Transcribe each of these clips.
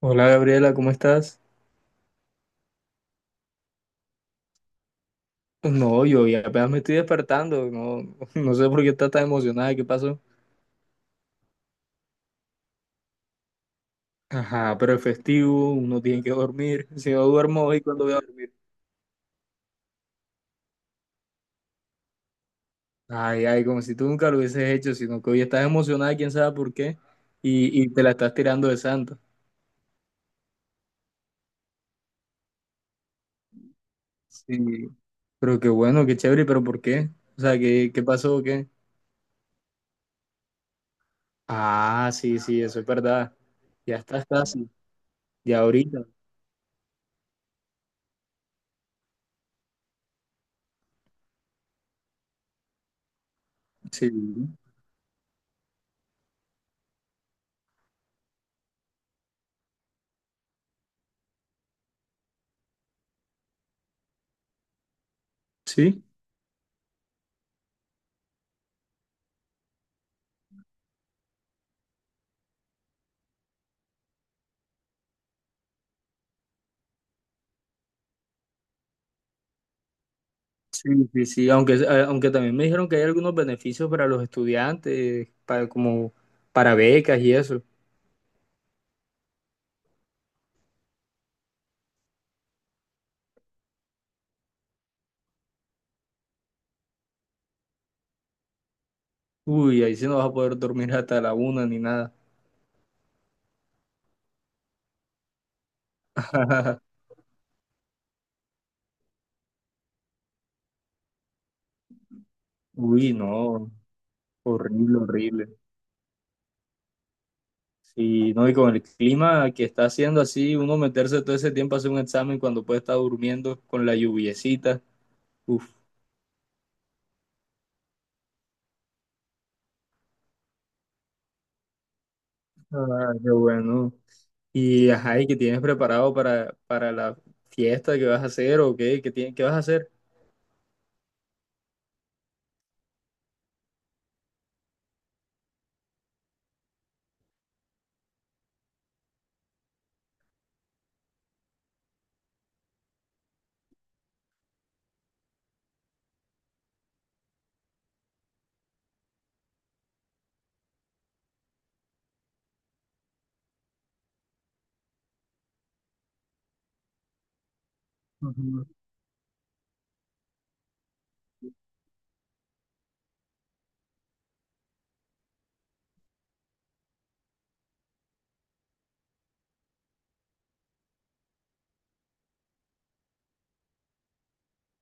Hola Gabriela, ¿cómo estás? No, yo ya apenas me estoy despertando, no, no sé por qué estás tan emocionada, ¿qué pasó? Ajá, pero es festivo, uno tiene que dormir, si no duermo hoy, ¿cuándo voy a dormir? Ay, ay, como si tú nunca lo hubieses hecho, sino que hoy estás emocionada, quién sabe por qué, y te la estás tirando de santo. Sí, pero qué bueno, qué chévere, pero ¿por qué? O sea, ¿qué pasó o qué? Ah, sí, sí, eso es verdad, ya estás casi, ya ahorita, sí, sí. Sí, sí, sí, aunque, aunque también me dijeron que hay algunos beneficios para los estudiantes, para, como para becas y eso. Uy, ahí sí no vas a poder dormir hasta la una ni nada. Uy, no, horrible, horrible. Sí, no, y con el clima que está haciendo así, uno meterse todo ese tiempo a hacer un examen cuando puede estar durmiendo con la lluviecita. Uf, ah, qué bueno. Y ajá, ¿y qué tienes preparado para la fiesta que vas a hacer o qué? ¿Qué, qué vas a hacer?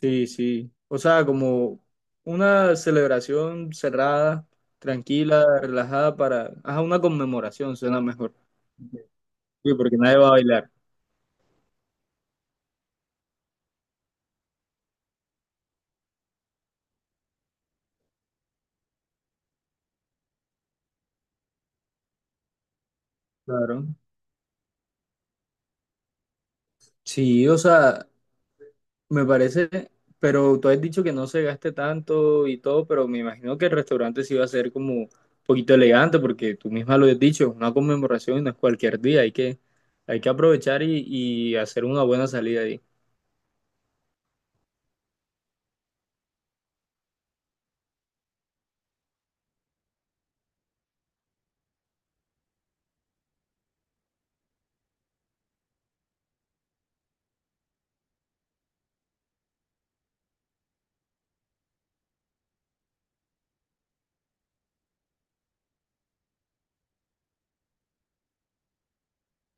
Sí, sí. O sea, como una celebración cerrada, tranquila, relajada para... Ajá, una conmemoración suena mejor. Sí, porque nadie va a bailar. Claro. Sí, o sea, me parece, pero tú has dicho que no se gaste tanto y todo, pero me imagino que el restaurante sí va a ser como un poquito elegante, porque tú misma lo has dicho, es una conmemoración y no es cualquier día, hay que aprovechar y hacer una buena salida ahí.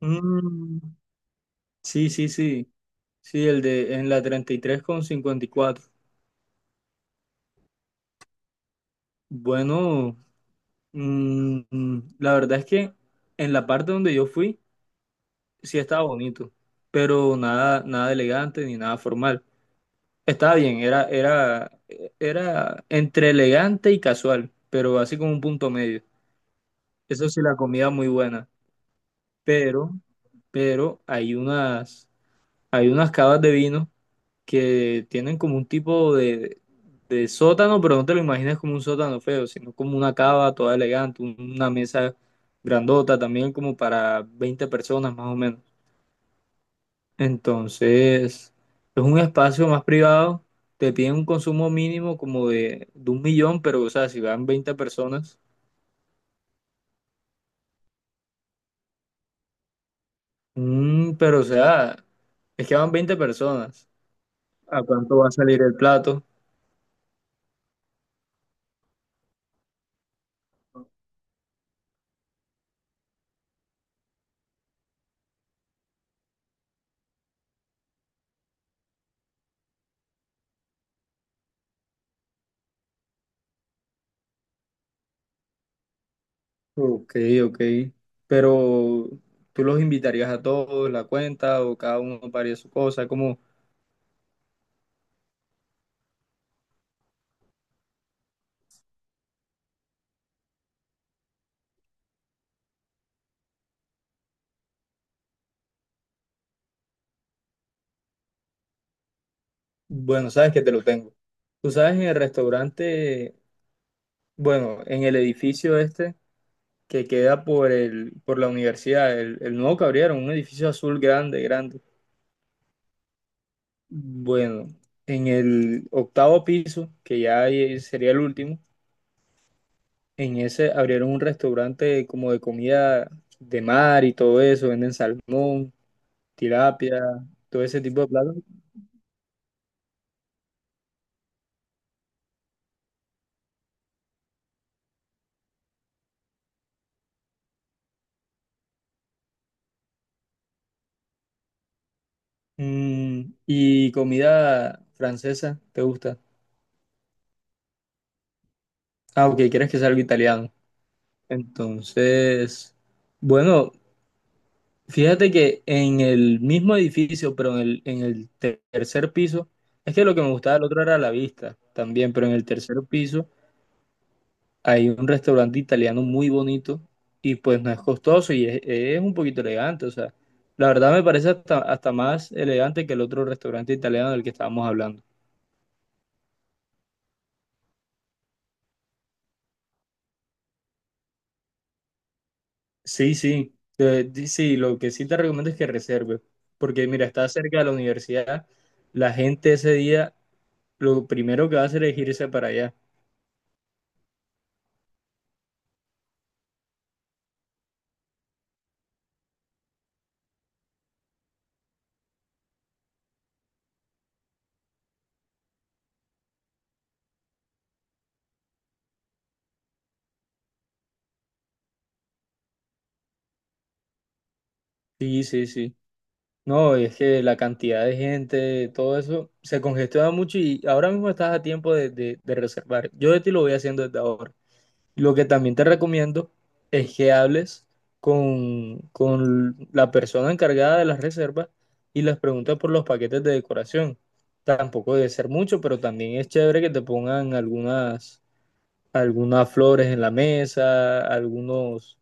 Mm, sí, sí, sí. Sí, el de en la 33 con 54. Bueno, la verdad es que en la parte donde yo fui sí estaba bonito, pero nada, nada elegante ni nada formal. Estaba bien, era entre elegante y casual, pero así como un punto medio. Eso sí, la comida muy buena, pero, pero hay unas, hay unas cavas de vino que tienen como un tipo de sótano, pero no te lo imaginas como un sótano feo, sino como una cava toda elegante, una mesa grandota también como para 20 personas más o menos. Entonces, es un espacio más privado, te piden un consumo mínimo como de 1.000.000, pero o sea, si van 20 personas, mm, pero o sea, es que van 20 personas, ¿a cuánto va a salir el plato? Ok, ok. Pero tú los invitarías a todos, la cuenta, o cada uno paría su cosa, como, bueno, sabes que te lo tengo. Tú sabes, en el restaurante, bueno, en el edificio este que queda por el, por la universidad, el nuevo que abrieron, un edificio azul grande, grande. Bueno, en el 8.º piso, que ya ahí sería el último, en ese abrieron un restaurante como de comida de mar y todo eso, venden salmón. Tilapia, todo ese tipo de platos. Mm, y comida francesa, ¿te gusta? Ah, ok, quieres que sea algo italiano. Entonces, bueno, fíjate que en el mismo edificio, pero en el, 3.er piso, es que lo que me gustaba del otro era la vista también, pero en el 3.er piso hay un restaurante italiano muy bonito y pues no es costoso y es un poquito elegante, o sea, la verdad me parece hasta, hasta más elegante que el otro restaurante italiano del que estábamos hablando. Sí, sí, sí, lo que sí te recomiendo es que reserves, porque mira, está cerca de la universidad, la gente ese día lo primero que va a hacer es irse para allá. Sí, sí, sí. No, es que la cantidad de gente, todo eso, se congestiona mucho y ahora mismo estás a tiempo de, de reservar. Yo de ti lo voy haciendo desde ahora. Lo que también te recomiendo es que hables con la persona encargada de las reservas y les preguntes por los paquetes de decoración. Tampoco debe ser mucho, pero también es chévere que te pongan algunas, algunas flores en la mesa, algunos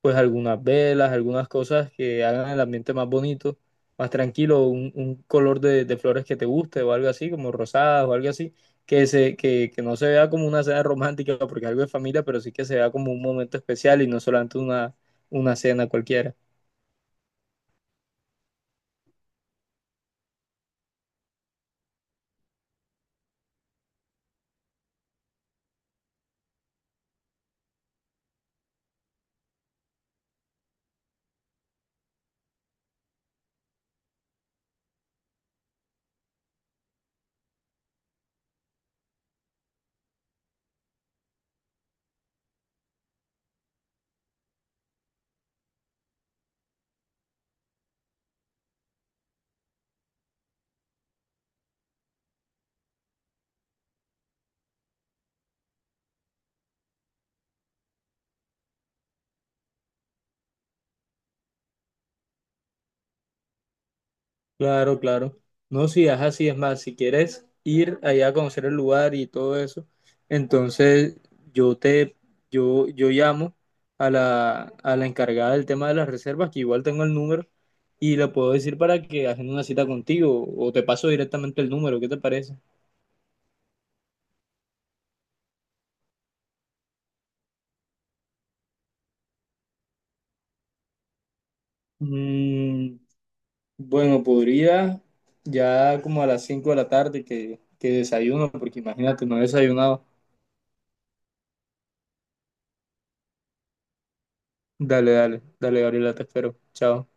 pues algunas velas, algunas cosas que hagan el ambiente más bonito, más tranquilo, un color de flores que te guste o algo así, como rosadas o algo así, que no se vea como una cena romántica porque algo de familia, pero sí que se vea como un momento especial y no solamente una cena cualquiera. Claro, claro. No, si es así, es más, si quieres ir allá a conocer el lugar y todo eso, entonces yo te, yo llamo a la encargada del tema de las reservas, que igual tengo el número, y le puedo decir para que hagan una cita contigo, o te paso directamente el número, ¿qué te parece? Mm, bueno, podría ya como a las 5 de la tarde que desayuno, porque imagínate, no he desayunado. Dale, dale, dale, Gabriela, te espero. Chao.